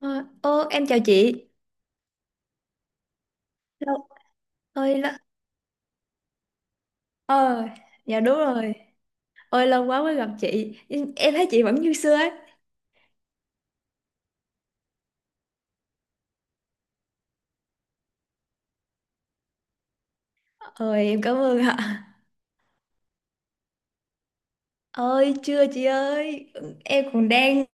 Ờ, ô, em chào chị. Lâu ơi là... Ờ, dạ đúng rồi. Ôi lâu quá mới gặp chị. Em thấy chị vẫn như xưa ấy. Ôi em cảm ơn ạ. Ôi chưa chị ơi. Em còn đang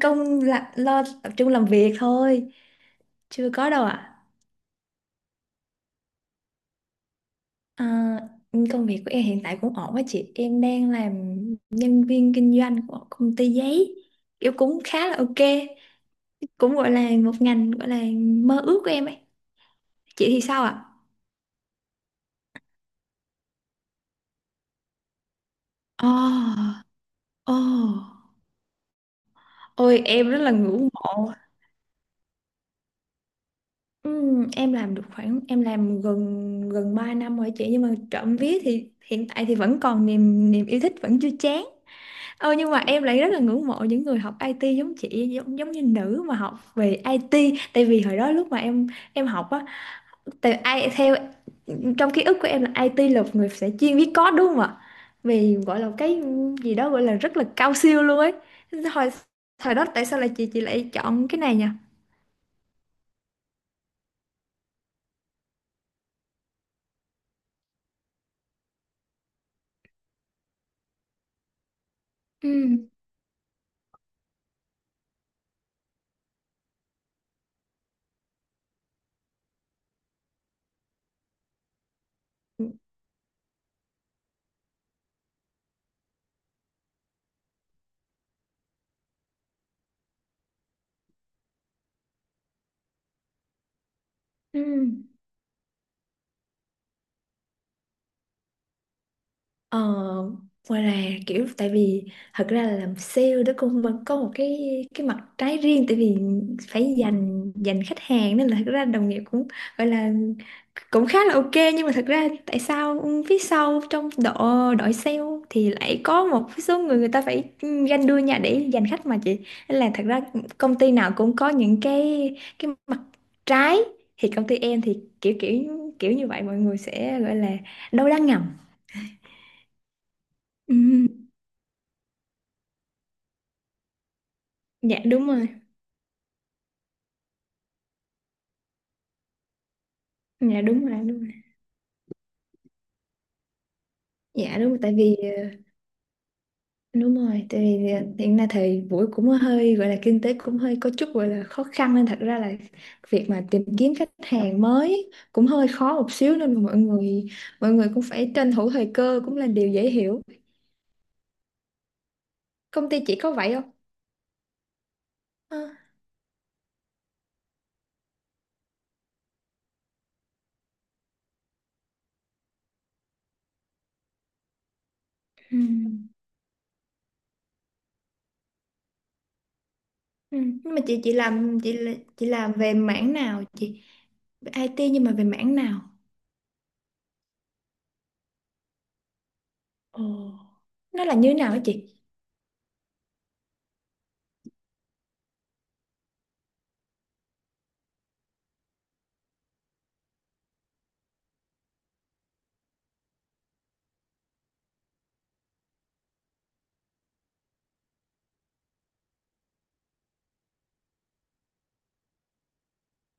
lo tập trung làm việc thôi. Chưa có đâu ạ. À, công việc của em hiện tại cũng ổn á chị. Em đang làm nhân viên kinh doanh của công ty giấy. Kiểu cũng khá là ok. Cũng gọi là một ngành gọi là mơ ước của em ấy. Chị thì sao ạ? Ồ, ồ, ôi em rất là ngưỡng mộ. Em làm được khoảng, em làm gần gần 3 năm rồi chị, nhưng mà trộm vía thì hiện tại thì vẫn còn niềm niềm yêu thích, vẫn chưa chán. Ờ, nhưng mà em lại rất là ngưỡng mộ những người học IT giống chị, giống giống như nữ mà học về IT. Tại vì hồi đó lúc mà em học á, tại ai theo, trong ký ức của em là IT là một người sẽ chuyên viết code đúng không ạ? Vì gọi là cái gì đó gọi là rất là cao siêu luôn ấy. Hồi thời đó tại sao lại chị lại chọn cái này nhỉ? Ừ. Ừ. Ờ, ngoài là kiểu, tại vì thật ra là làm sale đó cũng vẫn có một cái mặt trái riêng, tại vì phải dành dành khách hàng nên là thật ra đồng nghiệp cũng gọi là cũng khá là ok, nhưng mà thật ra tại sao phía sau, trong đội đội sale thì lại có một số người, người ta phải ganh đua nhau để giành khách mà chị. Nên là thật ra công ty nào cũng có những cái mặt trái, thì công ty em thì kiểu kiểu kiểu như vậy, mọi người sẽ gọi là đâu đang ngầm. Ừ. Dạ đúng rồi. Dạ đúng rồi, đúng rồi. Dạ đúng rồi, tại vì đúng rồi, tại vì hiện nay thì Vũ cũng hơi gọi là kinh tế cũng hơi có chút gọi là khó khăn, nên thật ra là việc mà tìm kiếm khách hàng mới cũng hơi khó một xíu, nên mà mọi người cũng phải tranh thủ thời cơ cũng là điều dễ hiểu. Công ty chị có vậy không? Ờ, ừ. Ừ. Nhưng mà chị chị làm về mảng nào chị? Về IT nhưng mà về mảng nào? Ồ. Nó là như thế nào hả chị?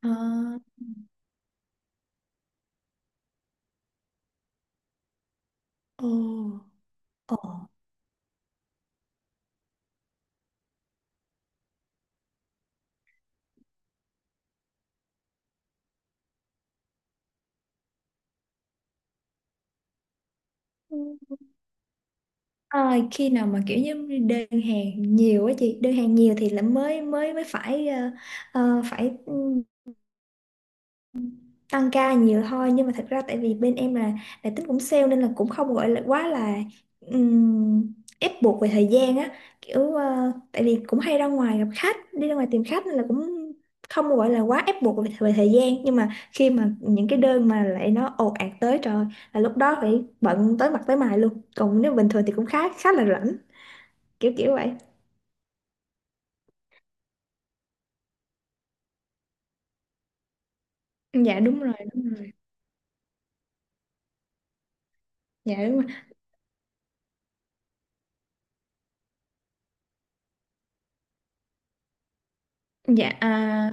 Ờ. Ồ. Ồ. Ừ. À, khi nào mà kiểu như đơn hàng nhiều á chị, đơn hàng nhiều thì là mới mới mới phải phải tăng ca nhiều thôi, nhưng mà thật ra tại vì bên em là tính cũng sale nên là cũng không gọi là quá là ép buộc về thời gian á, kiểu tại vì cũng hay ra ngoài gặp khách, đi ra ngoài tìm khách nên là cũng không gọi là quá ép buộc về thời gian. Nhưng mà khi mà những cái đơn mà lại nó ồ ạt tới, trời ơi, là lúc đó phải bận tới mặt tới mày luôn, còn nếu bình thường thì cũng khá khá là rảnh, kiểu kiểu vậy. Dạ đúng rồi, đúng rồi. Dạ đúng rồi. Dạ,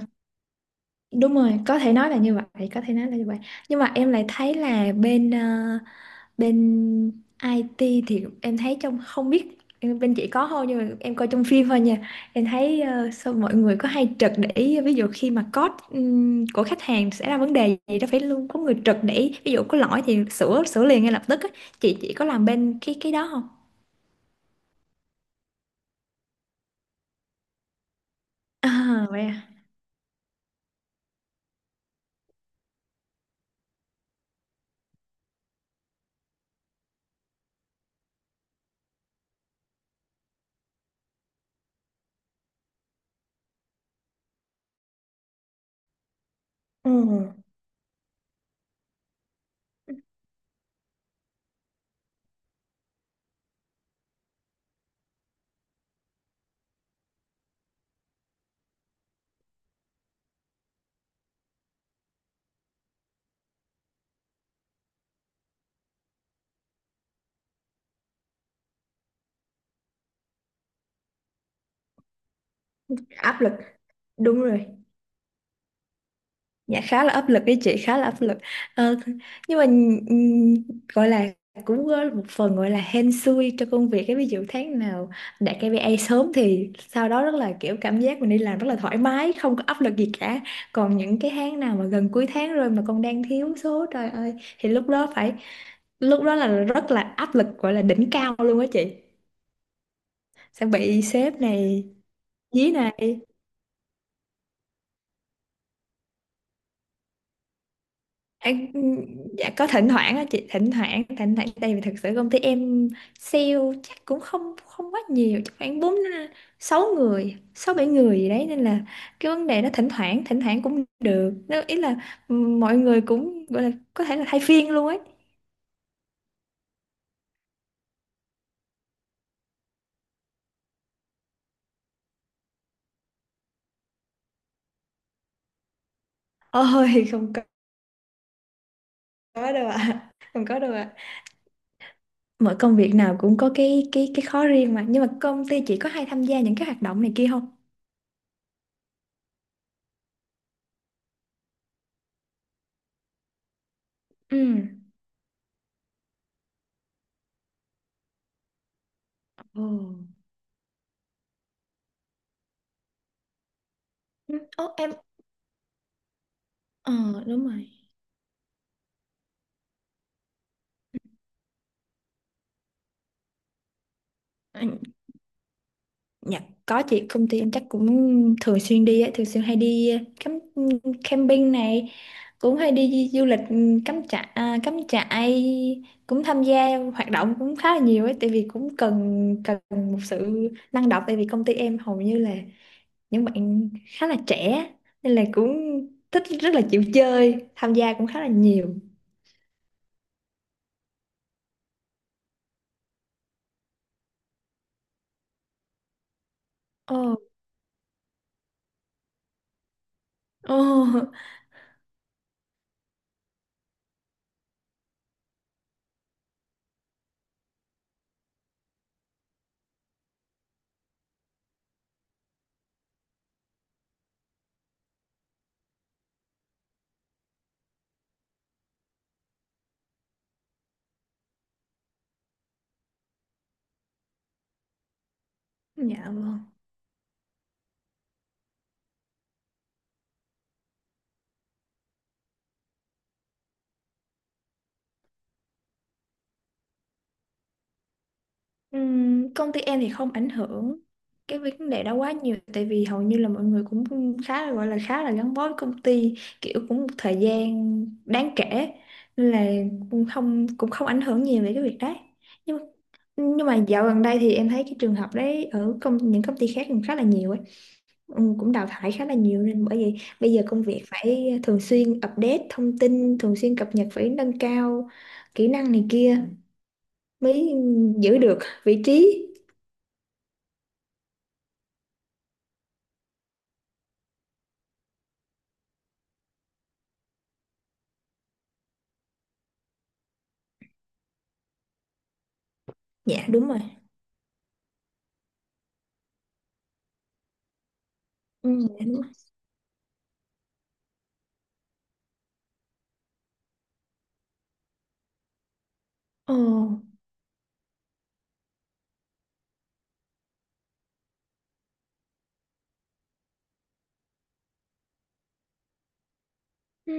đúng rồi, có thể nói là như vậy, có thể nói là như vậy. Nhưng mà em lại thấy là bên IT thì em thấy, trong không biết, bên chị có không, nhưng mà em coi trong phim thôi nha, em thấy sao mọi người có hay trực để ý, ví dụ khi mà code của khách hàng xảy ra vấn đề gì đó phải luôn có người trực để ý, ví dụ có lỗi thì sửa sửa liền ngay lập tức á. Chị có làm bên cái đó không? À vậy à. Ừ, áp lực, đúng rồi. Dạ khá là áp lực đấy chị, khá là áp lực. Ờ, nhưng mà ừm, gọi là cũng có một phần gọi là hên xui cho công việc cái, ví dụ tháng nào đạt KPI sớm thì sau đó rất là kiểu cảm giác mình đi làm rất là thoải mái, không có áp lực gì cả, còn những cái tháng nào mà gần cuối tháng rồi mà còn đang thiếu số, trời ơi, thì lúc đó phải, lúc đó là rất là áp lực, gọi là đỉnh cao luôn á chị, sẽ bị sếp này dí này. À, dạ có thỉnh thoảng á chị, thỉnh thoảng thỉnh thoảng, tại vì thực sự công ty em sale chắc cũng không không quá nhiều, chắc khoảng bốn, sáu người, sáu bảy người gì đấy, nên là cái vấn đề nó thỉnh thoảng cũng được, nó ý là mọi người cũng gọi là có thể là thay phiên luôn ấy. Ôi không có, có đâu ạ, không có đâu ạ, mọi công việc nào cũng có cái khó riêng mà. Nhưng mà công ty chị có hay tham gia những cái hoạt động này kia không? Ừ. Ồ. Ừ. Ô, em. Ờ, đúng rồi. Dạ, có chị, công ty em chắc cũng thường xuyên đi ấy, thường xuyên hay đi cắm camping này, cũng hay đi du lịch, cắm trại, cắm trại, cũng tham gia hoạt động cũng khá là nhiều ấy, tại vì cũng cần cần một sự năng động, tại vì công ty em hầu như là những bạn khá là trẻ nên là cũng thích, rất là chịu chơi, tham gia cũng khá là nhiều. Ồ, ồ. Dạ vâng. Công ty em thì không ảnh hưởng cái vấn đề đó quá nhiều, tại vì hầu như là mọi người cũng khá là, gọi là khá là gắn bó với công ty, kiểu cũng một thời gian đáng kể, nên là cũng không ảnh hưởng nhiều về cái việc đấy. Nhưng nhưng mà dạo gần đây thì em thấy cái trường hợp đấy ở công, những công ty khác cũng khá là nhiều ấy. Ừ, cũng đào thải khá là nhiều, nên bởi vậy bây giờ công việc phải thường xuyên update thông tin, thường xuyên cập nhật, phải nâng cao kỹ năng này kia mới giữ được vị trí. Dạ đúng rồi. Ừ. Dạ đúng rồi. Ồ. Ừ.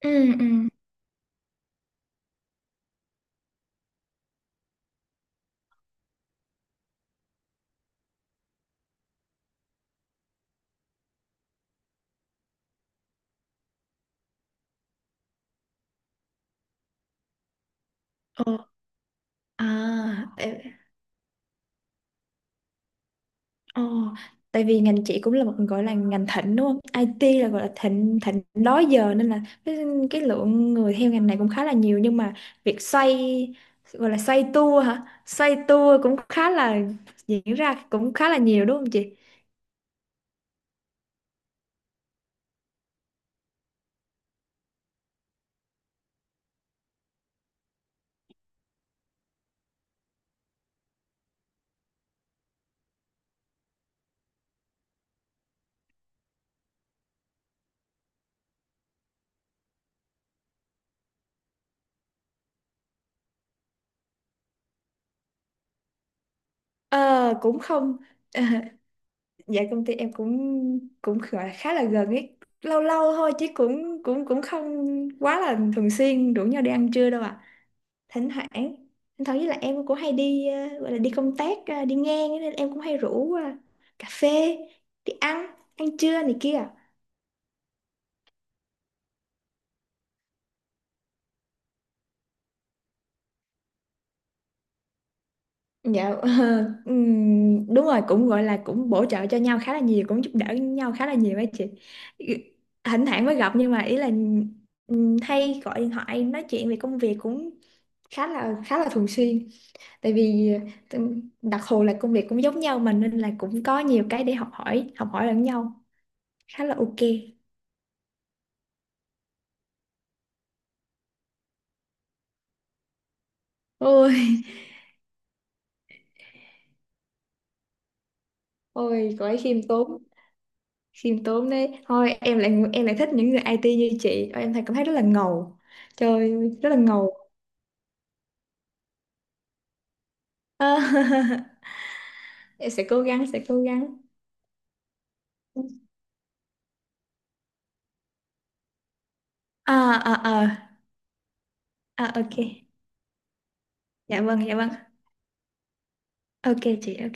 Ừ. Ừ. Ồ. À. Ê. Ồ. Tại vì ngành chị cũng là một gọi là ngành thịnh đúng không? IT là gọi là thịnh thịnh đó giờ, nên là cái lượng người theo ngành này cũng khá là nhiều, nhưng mà việc xoay, gọi là xoay tua hả? Xoay tua cũng khá là diễn ra cũng khá là nhiều đúng không chị? Ờ cũng không. Dạ công ty em cũng cũng gọi là khá là gần ấy, lâu lâu thôi chứ cũng cũng cũng không quá là thường xuyên rủ nhau đi ăn trưa đâu ạ. À, thỉnh thoảng thỉnh thoảng, với lại em cũng hay đi gọi là đi công tác, đi ngang ấy, nên em cũng hay rủ cà phê, đi ăn ăn trưa này kia. Dạ. Ờ, Đúng rồi, cũng gọi là cũng bổ trợ cho nhau khá là nhiều, cũng giúp đỡ nhau khá là nhiều ấy chị, thỉnh thoảng mới gặp nhưng mà ý là hay gọi điện thoại nói chuyện về công việc cũng khá là thường xuyên, tại vì đặc thù là công việc cũng giống nhau mà, nên là cũng có nhiều cái để học hỏi lẫn nhau, khá là ok. Ôi. Ôi, cô ấy khiêm tốn, khiêm tốn đấy thôi. Em lại thích những người IT như chị. Ôi, em thấy, cảm thấy rất là ngầu, trời ơi, rất là ngầu. Ờ. Em sẽ cố gắng, sẽ cố gắng. À. À. À. À, ok. Dạ vâng. Dạ vâng, ok chị, ok.